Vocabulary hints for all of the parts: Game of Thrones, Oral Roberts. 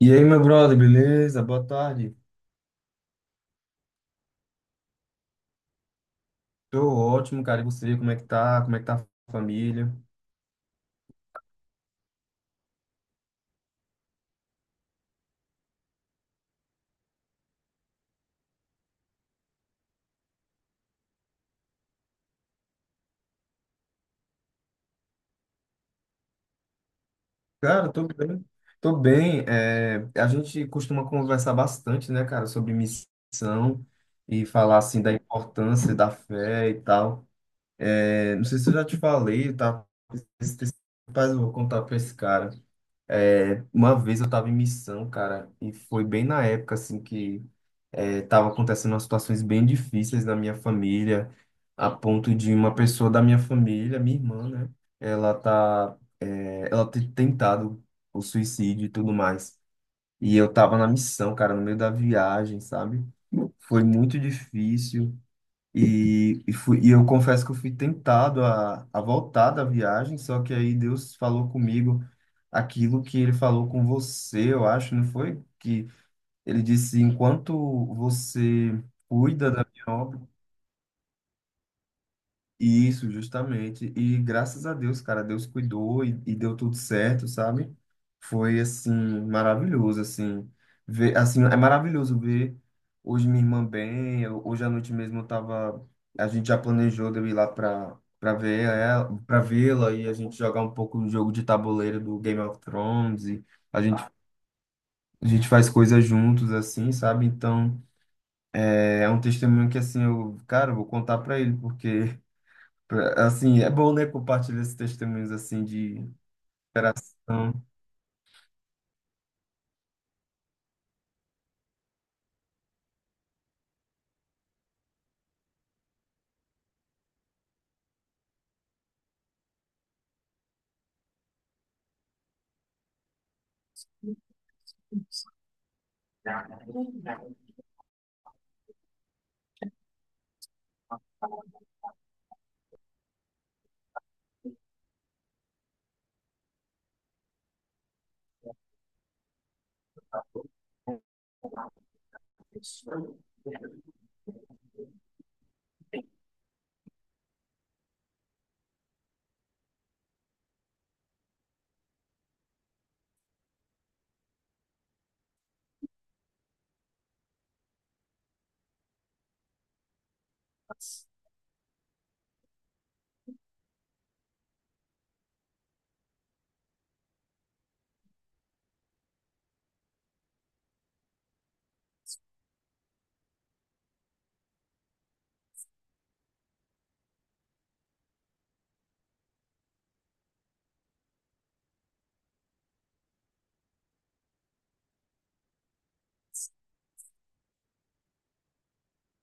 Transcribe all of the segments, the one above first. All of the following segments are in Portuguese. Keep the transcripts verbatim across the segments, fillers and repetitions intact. E aí, meu brother, beleza? Boa tarde. Tô ótimo, cara. E você, como é que tá? Como é que tá a família? Cara, tô bem. Tô bem. É, a gente costuma conversar bastante, né, cara, sobre missão e falar, assim, da importância da fé e tal. É, não sei se eu já te falei, tá? Rapaz, eu vou contar pra esse cara. É, uma vez eu tava em missão, cara, e foi bem na época, assim, que estava acontecendo umas situações bem difíceis na minha família, a ponto de uma pessoa da minha família, minha irmã, né? Ela tá, é, ela ter tentado o suicídio e tudo mais. E eu tava na missão, cara, no meio da viagem, sabe? Foi muito difícil. E, e, fui, e eu confesso que eu fui tentado a, a voltar da viagem, só que aí Deus falou comigo aquilo que ele falou com você, eu acho, não foi? Que ele disse: enquanto você cuida da minha obra, isso, justamente. E graças a Deus, cara, Deus cuidou e, e deu tudo certo, sabe? Foi assim, maravilhoso, assim. Ver, assim, é maravilhoso ver hoje minha irmã bem. Eu- hoje à noite mesmo eu tava. A gente já planejou de eu ir lá pra, para ver ela, para vê-la e a gente jogar um pouco do jogo de tabuleiro do Game of Thrones. E a gente, a gente faz coisas juntos, assim, sabe? Então. É é um testemunho que, assim, eu, cara, eu vou contar para ele, porque, pra- assim, é bom, né, compartilhar esses testemunhos, assim, de superação.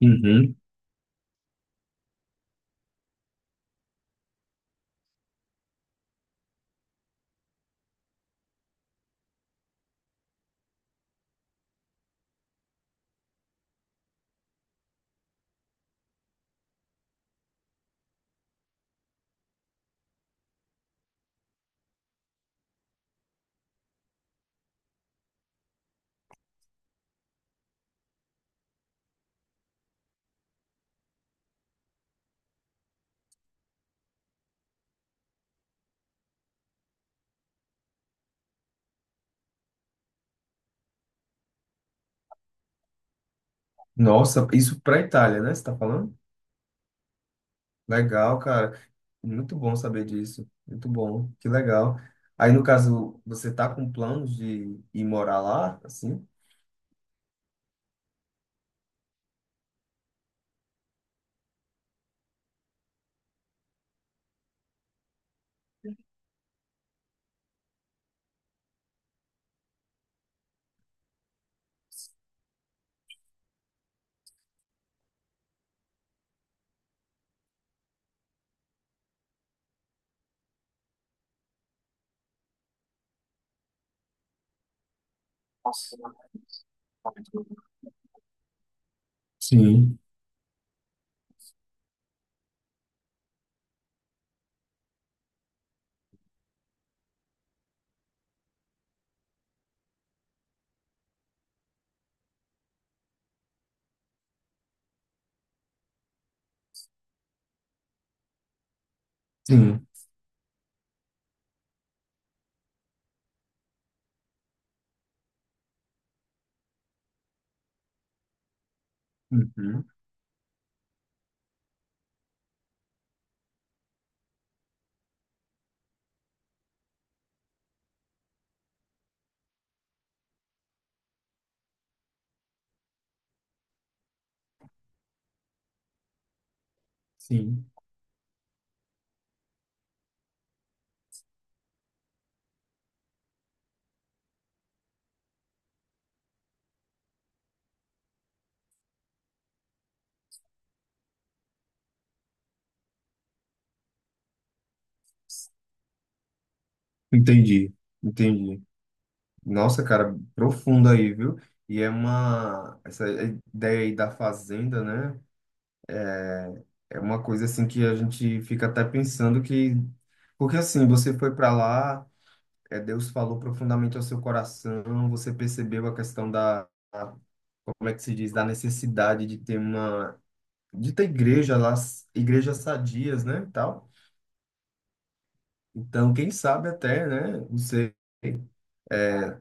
Uhum. Nossa, isso para a Itália, né? Você está falando? Legal, cara. Muito bom saber disso. Muito bom. Que legal. Aí, no caso, você tá com planos de ir morar lá, assim? Sim, sim. Uhum. Sim. Entendi, entendi. Nossa, cara, profundo aí, viu? E é uma. Essa ideia aí da fazenda, né? É é uma coisa assim que a gente fica até pensando que. Porque assim, você foi para lá, é, Deus falou profundamente ao seu coração, você percebeu a questão da. Como é que se diz? Da necessidade de ter uma. De ter igreja lá, igrejas sadias, né? E tal. Então, quem sabe até, né? Você. É,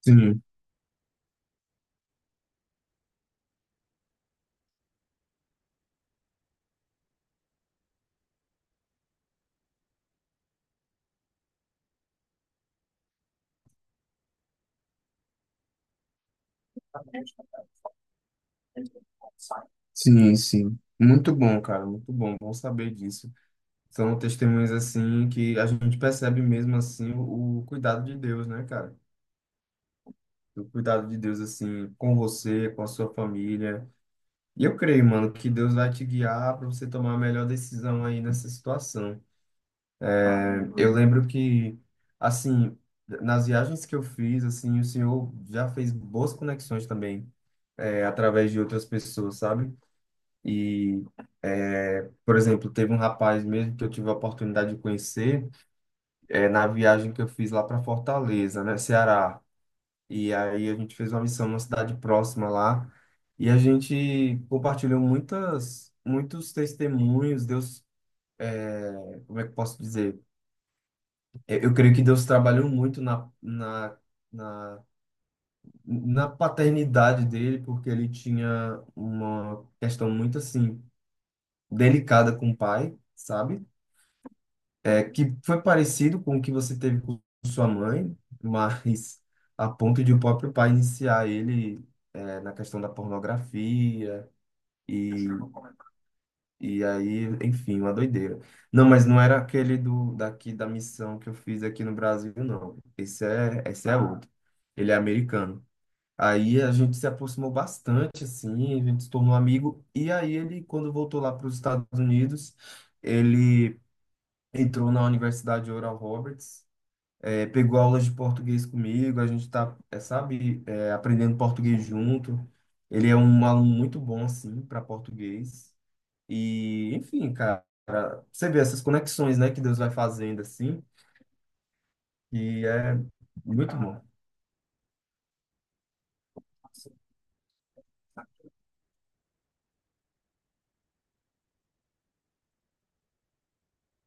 sim. Sim, sim. Muito bom, cara, muito bom. Bom saber disso. São testemunhas assim que a gente percebe mesmo assim o, o cuidado de Deus, né, cara? O cuidado de Deus assim com você, com a sua família. E eu creio, mano, que Deus vai te guiar para você tomar a melhor decisão aí nessa situação. É, eu lembro que assim, nas viagens que eu fiz, assim, o Senhor já fez boas conexões também, é, através de outras pessoas, sabe? E, é, por exemplo, teve um rapaz mesmo que eu tive a oportunidade de conhecer é, na viagem que eu fiz lá para Fortaleza, né, Ceará. E aí a gente fez uma missão numa cidade próxima lá e a gente compartilhou muitas, muitos testemunhos. Deus, é, como é que eu posso dizer? É, eu creio que Deus trabalhou muito na, na, na, na paternidade dele, porque ele tinha uma questão muito assim delicada com o pai, sabe? É, que foi parecido com o que você teve com sua mãe, mas a ponto de o próprio pai iniciar ele é, na questão da pornografia e, e aí, enfim, uma doideira. Não, mas não era aquele do daqui da missão que eu fiz aqui no Brasil, não. Esse é, esse é outro. Ele é americano. Aí a gente se aproximou bastante, assim, a gente se tornou amigo. E aí ele, quando voltou lá para os Estados Unidos, ele entrou na Universidade Oral Roberts é, pegou aulas de português comigo, a gente tá, é, sabe, é, aprendendo português junto. Ele é um aluno muito bom, assim, para português. E, enfim, cara, você vê essas conexões, né, que Deus vai fazendo, assim, e é muito bom.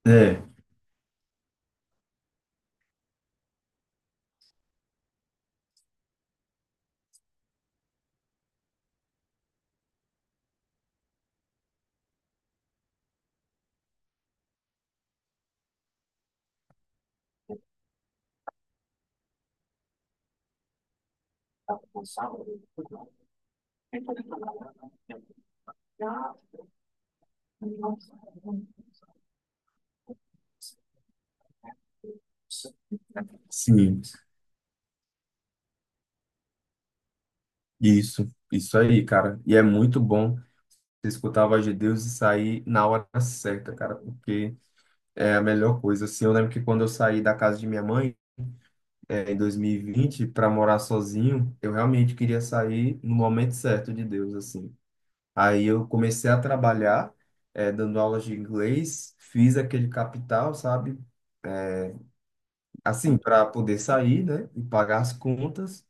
É, sim, isso, isso aí, cara. E é muito bom você escutar a voz de Deus e sair na hora certa, cara, porque é a melhor coisa. Assim, eu lembro que quando eu saí da casa de minha mãe, é, em dois mil e vinte para morar sozinho, eu realmente queria sair no momento certo de Deus, assim. Aí eu comecei a trabalhar, é, dando aulas de inglês, fiz aquele capital, sabe? Assim, para poder sair, né? E pagar as contas.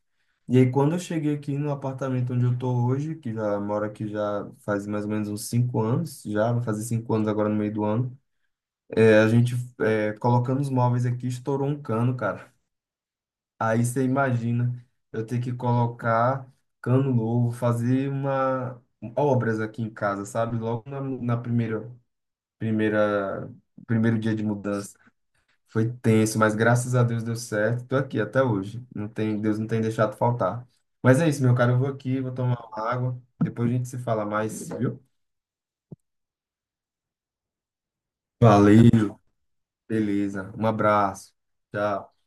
E aí, quando eu cheguei aqui no apartamento onde eu tô hoje, que já moro aqui já faz mais ou menos uns cinco anos, já vai fazer cinco anos agora no meio do ano, é, a gente, é, colocando os móveis aqui, estourou um cano, cara. Aí você imagina eu ter que colocar cano novo, fazer uma obras aqui em casa, sabe? Logo na, na primeira, primeira, primeiro dia de mudança. Foi tenso, mas graças a Deus deu certo. Tô aqui até hoje. Não tem, Deus não tem deixado faltar. Mas é isso, meu cara. Eu vou aqui, vou tomar uma água. Depois a gente se fala mais, viu? Valeu, beleza. Um abraço. Tchau.